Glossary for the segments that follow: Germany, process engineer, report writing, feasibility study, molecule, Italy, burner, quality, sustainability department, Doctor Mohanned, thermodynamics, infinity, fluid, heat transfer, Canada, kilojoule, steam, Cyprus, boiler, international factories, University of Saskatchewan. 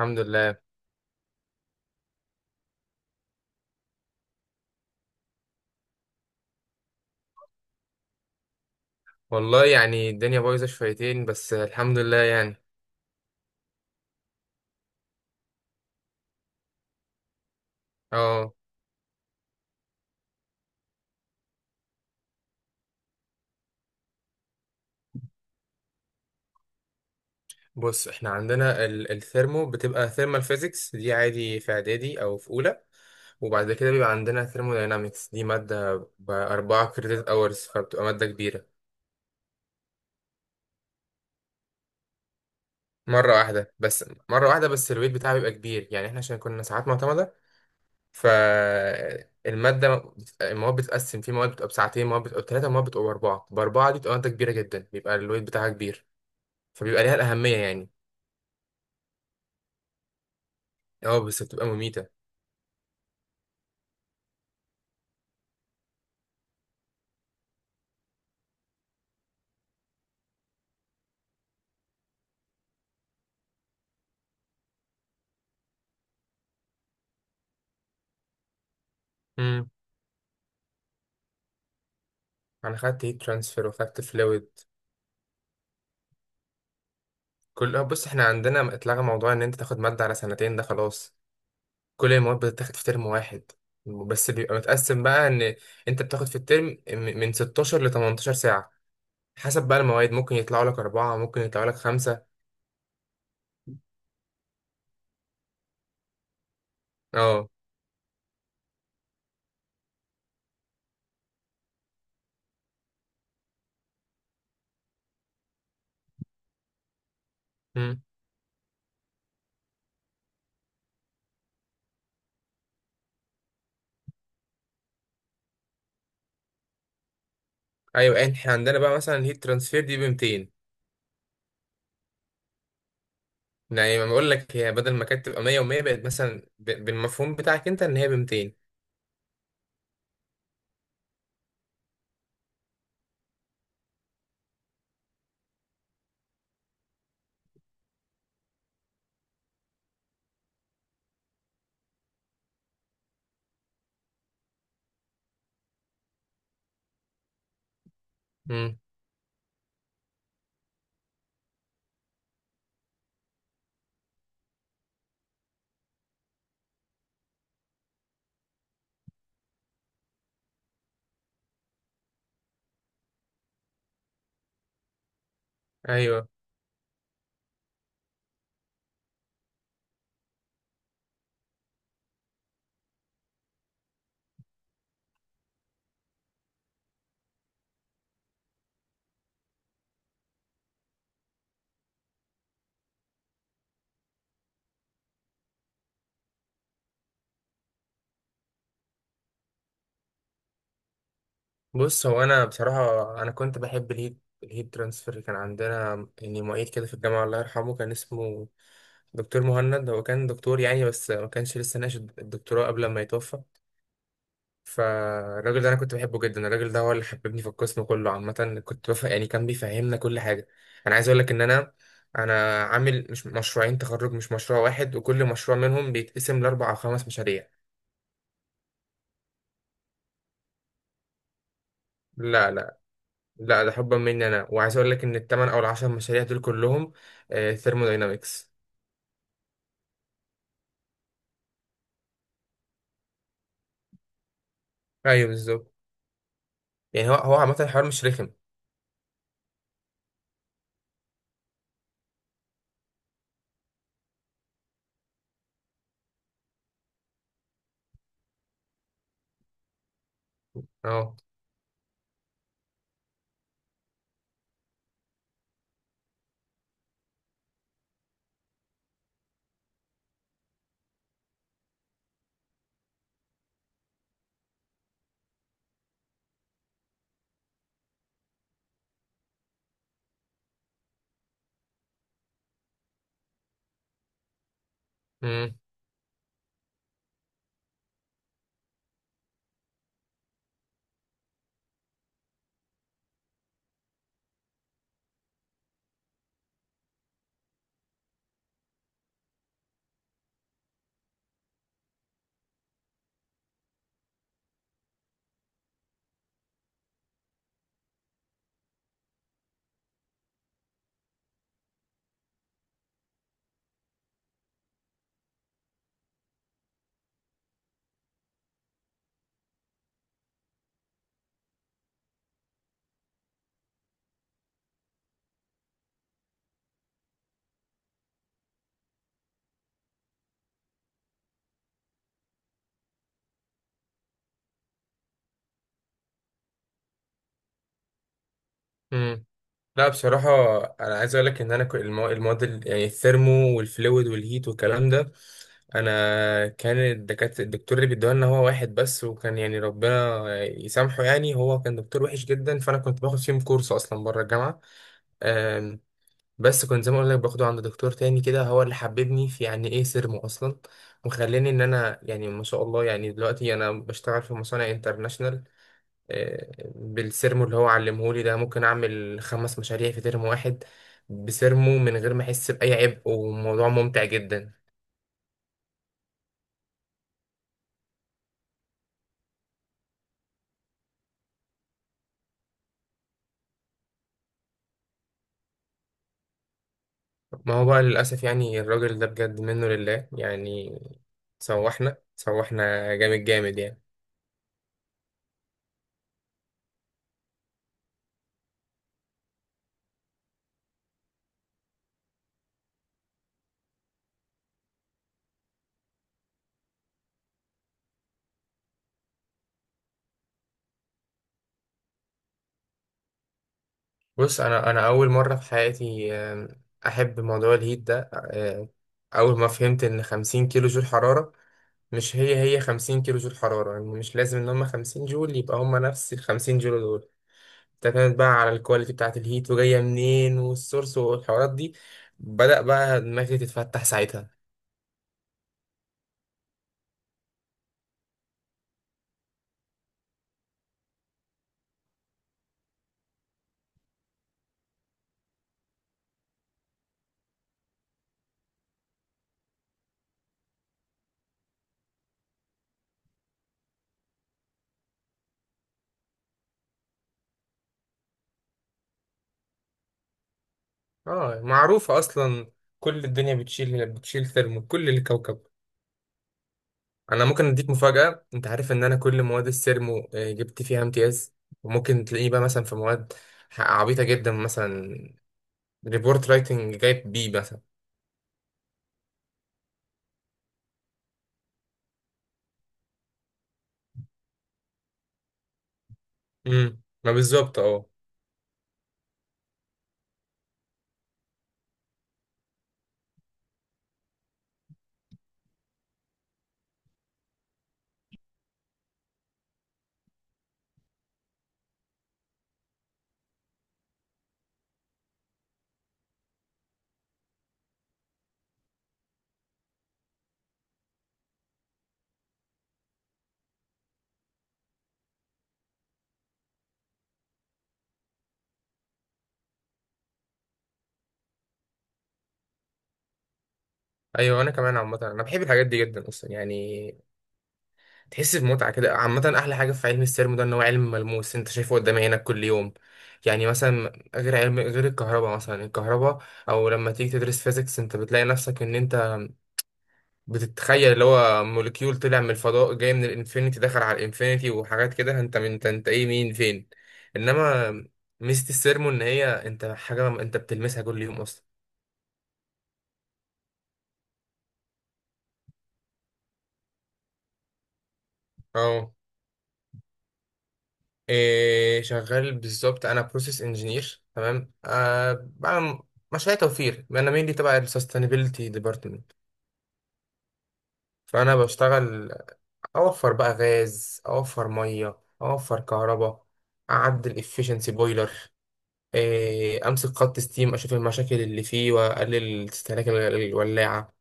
الحمد لله. والله يعني الدنيا بايظة شويتين بس الحمد لله يعني. اه بص احنا عندنا الثيرمو بتبقى ثيرمال فيزيكس دي عادي في اعدادي او في اولى، وبعد كده بيبقى عندنا ثيرموداينامكس دي مادة بأربعة كريدت اورز، فبتبقى مادة كبيرة. مرة واحدة بس الويت بتاعها بيبقى كبير، يعني احنا عشان كنا ساعات معتمدة. فالمادة المواد بتتقسم، في مواد بتبقى بساعتين، مواد بتبقى بثلاثة، مواد بتبقى بأربعة. بأربعة دي بتبقى مادة كبيرة جدا، بيبقى الويت بتاعها كبير، فبيبقى ليها الأهمية يعني. اه بس بتبقى مميتة. امم. انا خدت هيت ترانسفير وخدت فلويد. كل بص احنا عندنا اتلغى موضوع ان انت تاخد مادة على سنتين، ده خلاص. كل المواد بتتاخد في ترم واحد، بس بيبقى متقسم بقى ان انت بتاخد في الترم من 16 ل 18 ساعة، حسب بقى المواد. ممكن يطلعوا لك أربعة، ممكن يطلعوا لك خمسة. اه. امم. ايوه احنا عندنا بقى مثلا الهيت ترانسفير دي ب 200، يعني ما بقول لك، هي بدل ما كانت تبقى 100 و100، بقت مثلا بالمفهوم بتاعك انت ان هي ب 200. امم. ايوه بص هو انا بصراحه انا كنت بحب الهيد ترانسفير. كان عندنا يعني معيد كده في الجامعه، الله يرحمه، كان اسمه دكتور مهند. هو كان دكتور يعني بس ما كانش لسه ناقش الدكتوراه قبل ما يتوفى. فالراجل ده انا كنت بحبه جدا. الراجل ده هو اللي حببني في القسم كله عامه، كنت بفهم يعني، كان بيفهمنا كل حاجه. انا عايز اقول لك ان انا عامل مش مشروعين تخرج، مش مشروع واحد، وكل مشروع منهم بيتقسم لاربع او خمس مشاريع. لا. لا ده حبا مني انا، وعايز اقول لك ان الثمان او العشر مشاريع دول كلهم ثيرموداينامكس. ايوه بالظبط. يعني هو عامه الحوار مش رخم. اه. امم. امم لا بصراحه. انا عايز اقول لك ان المواد يعني الثيرمو والفلويد والهيت والكلام ده، انا كان الدكتور اللي بيدوها لنا هو واحد بس، وكان يعني ربنا يسامحه يعني، هو كان دكتور وحش جدا. فانا كنت باخد فيهم كورس اصلا بره الجامعه، بس كنت زي ما اقول لك باخده عند دكتور تاني كده، هو اللي حببني في يعني ايه سيرمو اصلا، وخلاني ان انا يعني ما شاء الله يعني دلوقتي انا بشتغل في مصانع انترناشنال بالسيرمو اللي هو علمهولي ده. ممكن اعمل خمس مشاريع في ترم واحد بسيرمو من غير ما احس باي عبء، وموضوع ممتع جدا. ما هو بقى للاسف يعني الراجل ده بجد منه لله يعني، سوحنا جامد يعني. بص انا اول مره في حياتي احب موضوع الهيت ده. اول ما فهمت ان 50 كيلو جول حراره مش هي 50 كيلو جول حراره، يعني مش لازم ان هم 50 جول يبقى هم نفس ال 50 جول دول. اعتمد بقى على الكواليتي بتاعه الهيت وجايه منين والسورس والحوارات دي. بدأ بقى دماغي تتفتح ساعتها. اه معروفه اصلا، كل الدنيا بتشيل ثرمو، كل الكوكب. انا ممكن اديك مفاجأة، انت عارف ان انا كل مواد السيرمو جبت فيها امتياز؟ وممكن تلاقيه بقى مثلا في مواد عبيطة جدا، مثلا ريبورت رايتنج جايب بي مثلا. ما بالظبط. اه ايوه انا كمان عامة انا بحب الحاجات دي جدا اصلا يعني، تحس بمتعة كده. عامة احلى حاجة في علم السيرمو ده ان هو علم ملموس، انت شايفه قدام عينك كل يوم. يعني مثلا غير علم غير الكهرباء، مثلا الكهرباء او لما تيجي تدرس فيزيكس انت بتلاقي نفسك ان انت بتتخيل اللي هو موليكيول طلع من الفضاء، جاي من الانفينيتي، دخل على الانفينيتي، وحاجات كده، انت من انت, انت ايه، مين، فين. انما ميزة السيرمو ان هي انت حاجة انت بتلمسها كل يوم اصلا. اه. إيه شغال بالظبط. انا بروسيس انجينير، تمام، أه بعمل مشاريع توفير. انا مين دي تبع السستينابيلتي ديبارتمنت. فانا بشتغل اوفر بقى غاز، اوفر ميه، اوفر كهرباء، اعدل efficiency بويلر، امسك خط ستيم اشوف المشاكل اللي فيه واقلل استهلاك الولاعه،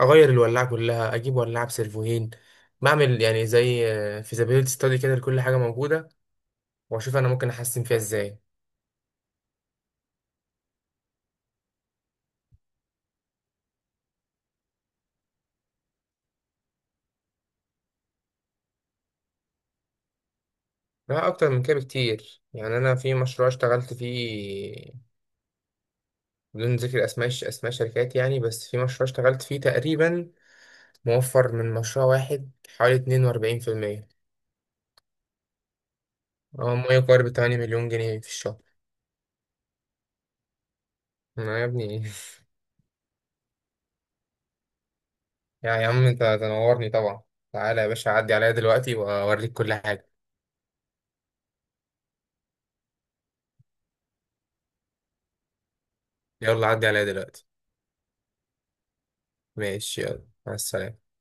اغير الولاعه كلها، اجيب ولاعه بسيرفوهين، بعمل يعني زي فيزابيلتي ستادي كده لكل حاجه موجوده، واشوف انا ممكن احسن فيها ازاي. لا اكتر من كده بكتير. يعني انا في مشروع اشتغلت فيه، بدون ذكر اسماء اسماء شركات يعني، بس في مشروع اشتغلت فيه تقريبا موفر من مشروع واحد حوالي 42%، او ما يقارب 8 مليون جنيه في الشهر. ما يا ابني. يا عم انت تنورني طبعا. تعالى يا باشا عدي عليا دلوقتي واوريك كل حاجة. يلا عدي عليا دلوقتي. ماشي يلا مع السلامة.